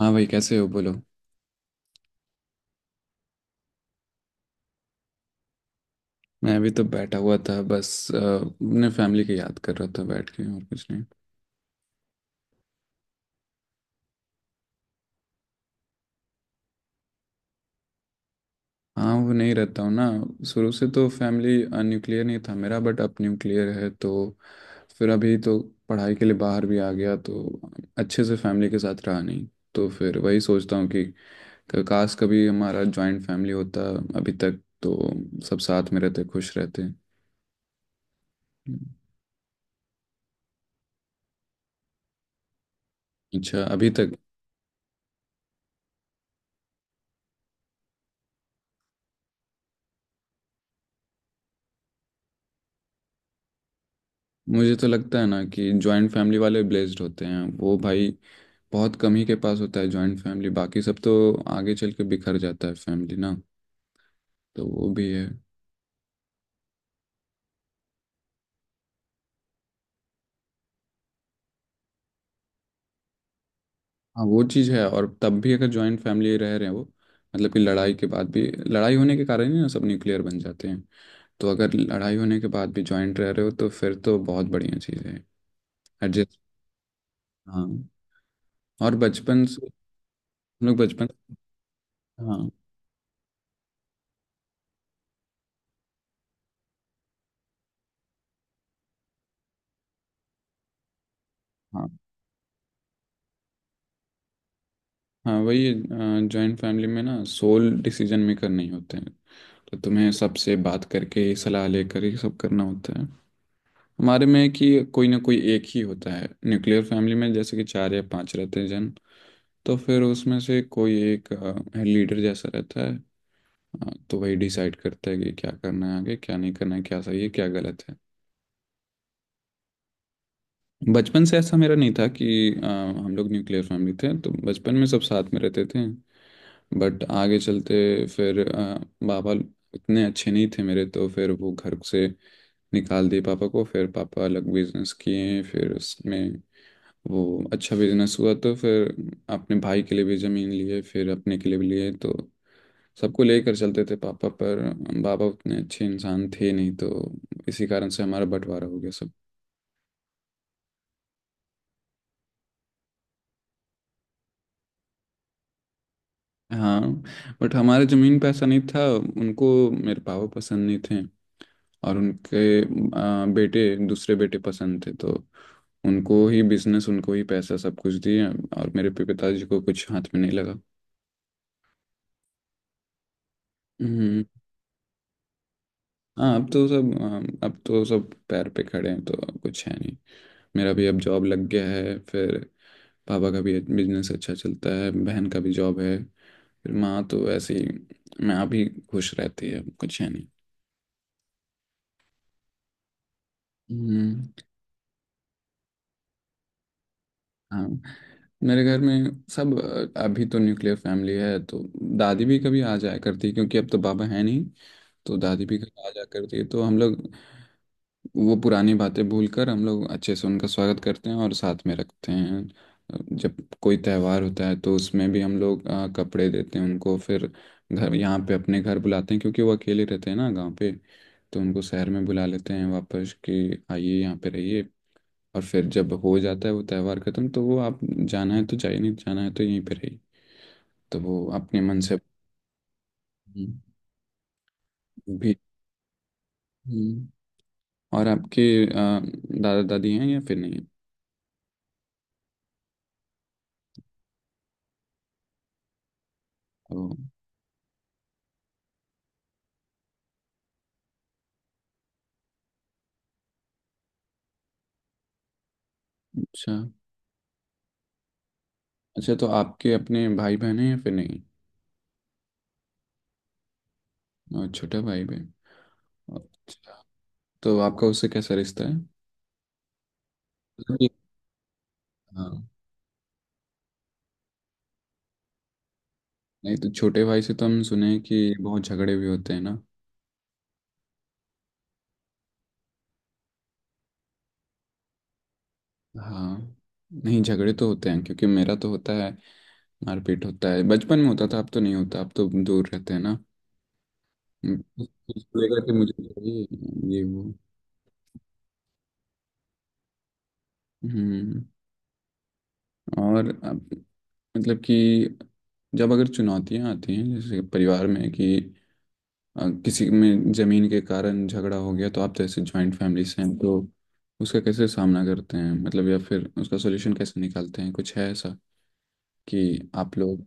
हाँ भाई कैसे हो बोलो। मैं अभी तो बैठा हुआ था बस अपने फैमिली की याद कर रहा था बैठ के, और कुछ नहीं। हाँ वो नहीं रहता हूँ ना। शुरू से तो फैमिली न्यूक्लियर नहीं था मेरा, बट अब न्यूक्लियर है। तो फिर अभी तो पढ़ाई के लिए बाहर भी आ गया, तो अच्छे से फैमिली के साथ रहा नहीं। तो फिर वही सोचता हूँ कि काश कभी हमारा जॉइंट फैमिली होता। अभी तक तो सब साथ में रहते, खुश रहते। अच्छा अभी तक। मुझे तो लगता है ना कि जॉइंट फैमिली वाले ब्लेस्ड होते हैं वो भाई। बहुत कम ही के पास होता है जॉइंट फैमिली, बाकी सब तो आगे चल के बिखर जाता है फैमिली ना। तो वो भी है। हाँ वो चीज़ है। और तब भी अगर जॉइंट फैमिली रह रहे हैं वो, मतलब कि लड़ाई के बाद भी, लड़ाई होने के कारण ही ना सब न्यूक्लियर बन जाते हैं। तो अगर लड़ाई होने के बाद भी जॉइंट रह रहे हो, तो फिर तो बहुत बढ़िया चीज़ है। एडजस्ट। हाँ। और बचपन से हम लोग बचपन। हाँ हाँ हाँ। वही। जॉइंट फैमिली में ना सोल डिसीजन मेकर नहीं होते हैं। तो तुम्हें सबसे बात करके, सलाह लेकर ही सब करना होता है। हमारे में कि कोई ना कोई एक ही होता है। न्यूक्लियर फैमिली में जैसे कि चार या पांच रहते हैं जन, तो फिर उसमें से कोई एक लीडर जैसा रहता है। तो वही डिसाइड करता है कि क्या करना है आगे, क्या नहीं करना है, क्या सही है क्या गलत है। बचपन से ऐसा मेरा नहीं था कि हम लोग न्यूक्लियर फैमिली थे, तो बचपन में सब साथ में रहते थे। बट आगे चलते फिर बाबा उतने अच्छे नहीं थे मेरे, तो फिर वो घर से निकाल दिए पापा को। फिर पापा अलग बिजनेस किए, फिर उसमें वो अच्छा बिजनेस हुआ। तो फिर अपने भाई के लिए भी ज़मीन लिए, फिर अपने के लिए भी लिए। तो सबको लेकर चलते थे पापा, पर बाबा उतने अच्छे इंसान थे नहीं। तो इसी कारण से हमारा बंटवारा हो गया सब। हाँ। बट हमारे ज़मीन पे ऐसा नहीं था, उनको मेरे पापा पसंद नहीं थे। और उनके बेटे, दूसरे बेटे पसंद थे। तो उनको ही बिजनेस, उनको ही पैसा सब कुछ दिए, और मेरे पिताजी को कुछ हाथ में नहीं लगा। हम्म, हाँ अब तो सब पैर पे खड़े हैं, तो अब कुछ है नहीं। मेरा भी अब जॉब लग गया है। फिर पापा का भी बिजनेस अच्छा चलता है, बहन का भी जॉब है। फिर माँ तो वैसे ही, माँ भी खुश रहती है, अब कुछ है नहीं। हम्म। हाँ मेरे घर में सब, अभी तो न्यूक्लियर फैमिली है। तो दादी भी कभी आ जाया करती है, क्योंकि अब तो बाबा है नहीं। तो दादी भी कभी आ जाया करती है, तो हम लोग वो पुरानी बातें भूलकर, हम लोग अच्छे से उनका स्वागत करते हैं और साथ में रखते हैं। जब कोई त्यौहार होता है तो उसमें भी हम लोग कपड़े देते हैं उनको। फिर घर यहाँ पे अपने घर बुलाते हैं, क्योंकि वो अकेले रहते हैं ना गांव पे। तो उनको शहर में बुला लेते हैं वापस कि आइए यहाँ पे रहिए। और फिर जब हो जाता है वो त्यौहार खत्म, तो वो आप, जाना है तो जाइए, नहीं तो जाना है तो यहीं पे रहिए। तो वो अपने मन से भी। और आपके दादा दादी हैं या फिर नहीं? ओ, अच्छा। अच्छा तो आपके अपने भाई बहन हैं या फिर नहीं? और छोटा भाई बहन। अच्छा। तो आपका उससे कैसा रिश्ता है? मतलब कि- हाँ। नहीं तो छोटे भाई से तो हम सुने हैं कि बहुत झगड़े भी होते हैं ना? हाँ। नहीं झगड़े तो होते हैं, क्योंकि मेरा तो होता है। मारपीट होता है, बचपन में होता था, अब तो नहीं होता, अब तो दूर रहते हैं ना। हम्म, बोलेगा कि मुझे चाहिए, ये वो। हम्म और अब, मतलब कि जब अगर चुनौतियां आती हैं जैसे परिवार में कि किसी में जमीन के कारण झगड़ा हो गया, तो आप जैसे ज्वाइंट फैमिली से हैं, तो उसका कैसे सामना करते हैं, मतलब या फिर उसका सोल्यूशन कैसे निकालते हैं, कुछ है ऐसा कि आप लोग?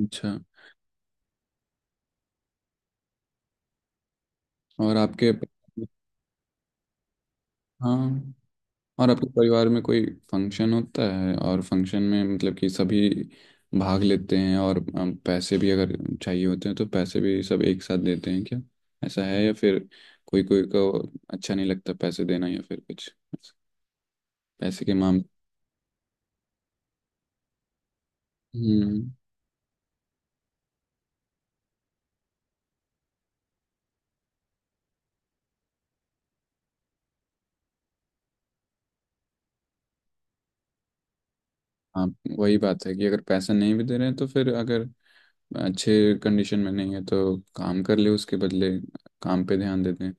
अच्छा। और आपके, हाँ, और आपके परिवार में कोई फंक्शन होता है, और फंक्शन में मतलब कि सभी भाग लेते हैं और पैसे भी अगर चाहिए होते हैं, तो पैसे भी सब एक साथ देते हैं क्या? ऐसा है या फिर कोई कोई को अच्छा नहीं लगता पैसे देना या फिर कुछ पैसे के मामले? हाँ वही बात है कि अगर पैसा नहीं भी दे रहे हैं, तो फिर अगर अच्छे कंडीशन में नहीं है तो काम कर ले उसके बदले, काम पे ध्यान देते हैं।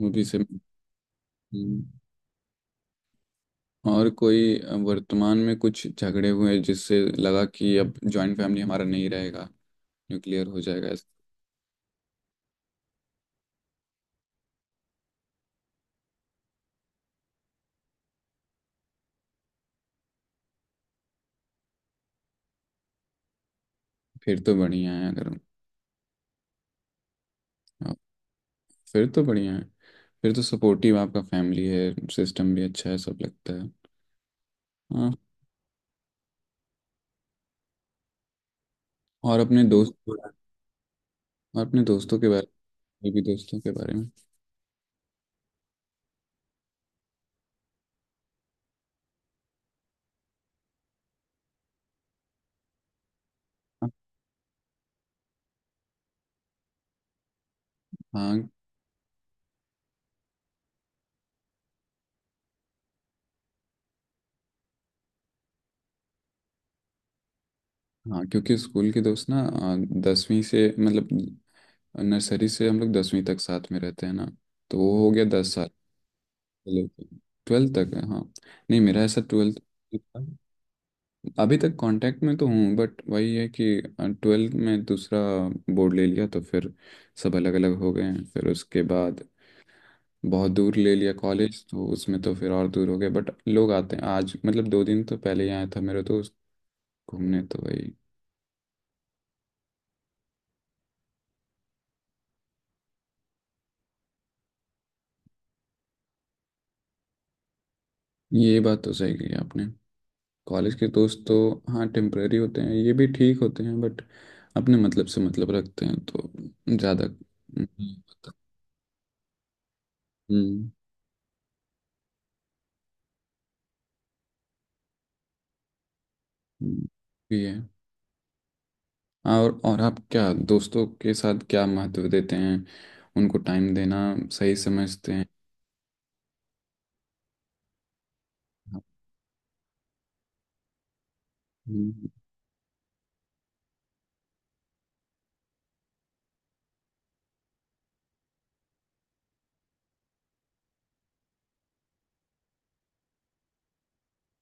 मूवी से। हम्म। और कोई वर्तमान में कुछ झगड़े हुए जिससे लगा कि अब जॉइंट फैमिली हमारा नहीं रहेगा, न्यूक्लियर हो जाएगा? फिर तो बढ़िया है अगर। हाँ, फिर तो बढ़िया है। फिर तो सपोर्टिव आपका फैमिली है, सिस्टम भी अच्छा है सब लगता है। हाँ। और अपने दोस्त, और अपने दोस्तों के बारे में भी, दोस्तों के बारे में। हाँ हाँ। क्योंकि स्कूल के दोस्त ना 10वीं से मतलब, नर्सरी से हम लोग 10वीं तक साथ में रहते हैं ना। तो वो हो गया 10 साल। 12th तक है, हाँ। नहीं मेरा ऐसा 12th, अभी तक कांटेक्ट में तो हूँ, बट वही है कि 12th में दूसरा बोर्ड ले लिया, तो फिर सब अलग अलग हो गए हैं। फिर उसके बाद बहुत दूर ले लिया कॉलेज, तो उसमें तो फिर और दूर हो गए। बट लोग आते हैं, आज मतलब 2 दिन तो पहले ही आया था मेरा दोस्त घूमने, तो वही। ये बात तो सही कही आपने। कॉलेज के दोस्त तो, हाँ, टेम्परेरी होते हैं, ये भी ठीक होते हैं, बट अपने मतलब से मतलब रखते हैं, तो ज़्यादा नहीं होता। हम्म। हम्म, ये है। और आप क्या दोस्तों के साथ क्या महत्व देते हैं? उनको टाइम देना सही समझते हैं? हम्म,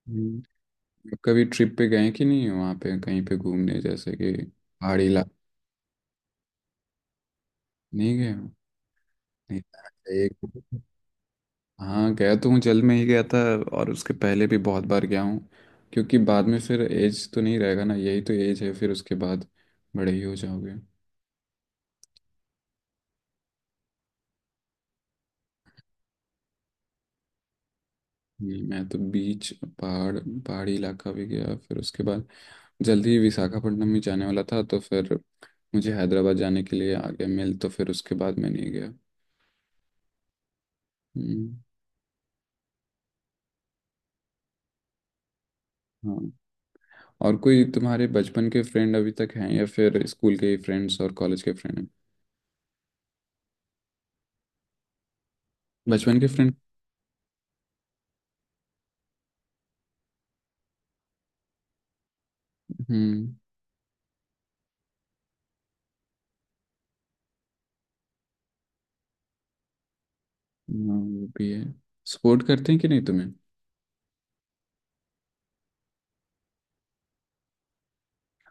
हम्म। कभी ट्रिप पे गए कि नहीं वहाँ पे कहीं पे घूमने, जैसे कि पहाड़ी इलाके? नहीं गए हो? नहीं जाना चाहिए। हाँ गया तो हूँ, जल में ही गया था, और उसके पहले भी बहुत बार गया हूँ। क्योंकि बाद में फिर एज तो नहीं रहेगा ना, यही तो एज है, फिर उसके बाद बड़े ही हो जाओगे। नहीं, मैं तो बीच, पहाड़, पहाड़ी इलाका भी गया। फिर उसके बाद जल्दी ही विशाखापट्टनम भी जाने वाला था, तो फिर मुझे हैदराबाद जाने के लिए आ गया मिल, तो फिर उसके बाद मैं नहीं गया। हम्म, हाँ। और कोई तुम्हारे बचपन के फ्रेंड अभी तक हैं, या फिर स्कूल के ही फ्रेंड्स और कॉलेज के फ्रेंड हैं? बचपन के फ्रेंड। हम्म। हाँ वो भी है। सपोर्ट करते हैं कि नहीं तुम्हें?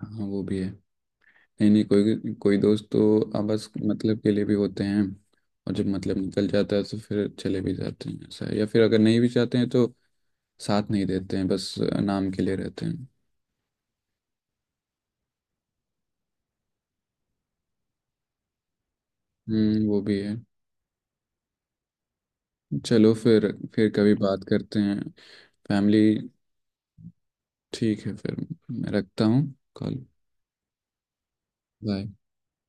हाँ वो भी है। नहीं नहीं, कोई कोई दोस्त तो आपस मतलब के लिए भी होते हैं। और जब मतलब निकल जाता है तो फिर चले भी जाते हैं, ऐसा है। या फिर अगर नहीं भी चाहते हैं तो साथ नहीं देते हैं, बस नाम के लिए रहते हैं। हम्म, वो भी है। चलो फिर कभी बात करते हैं। फैमिली। ठीक है फिर, मैं रखता हूँ कॉल। बाय।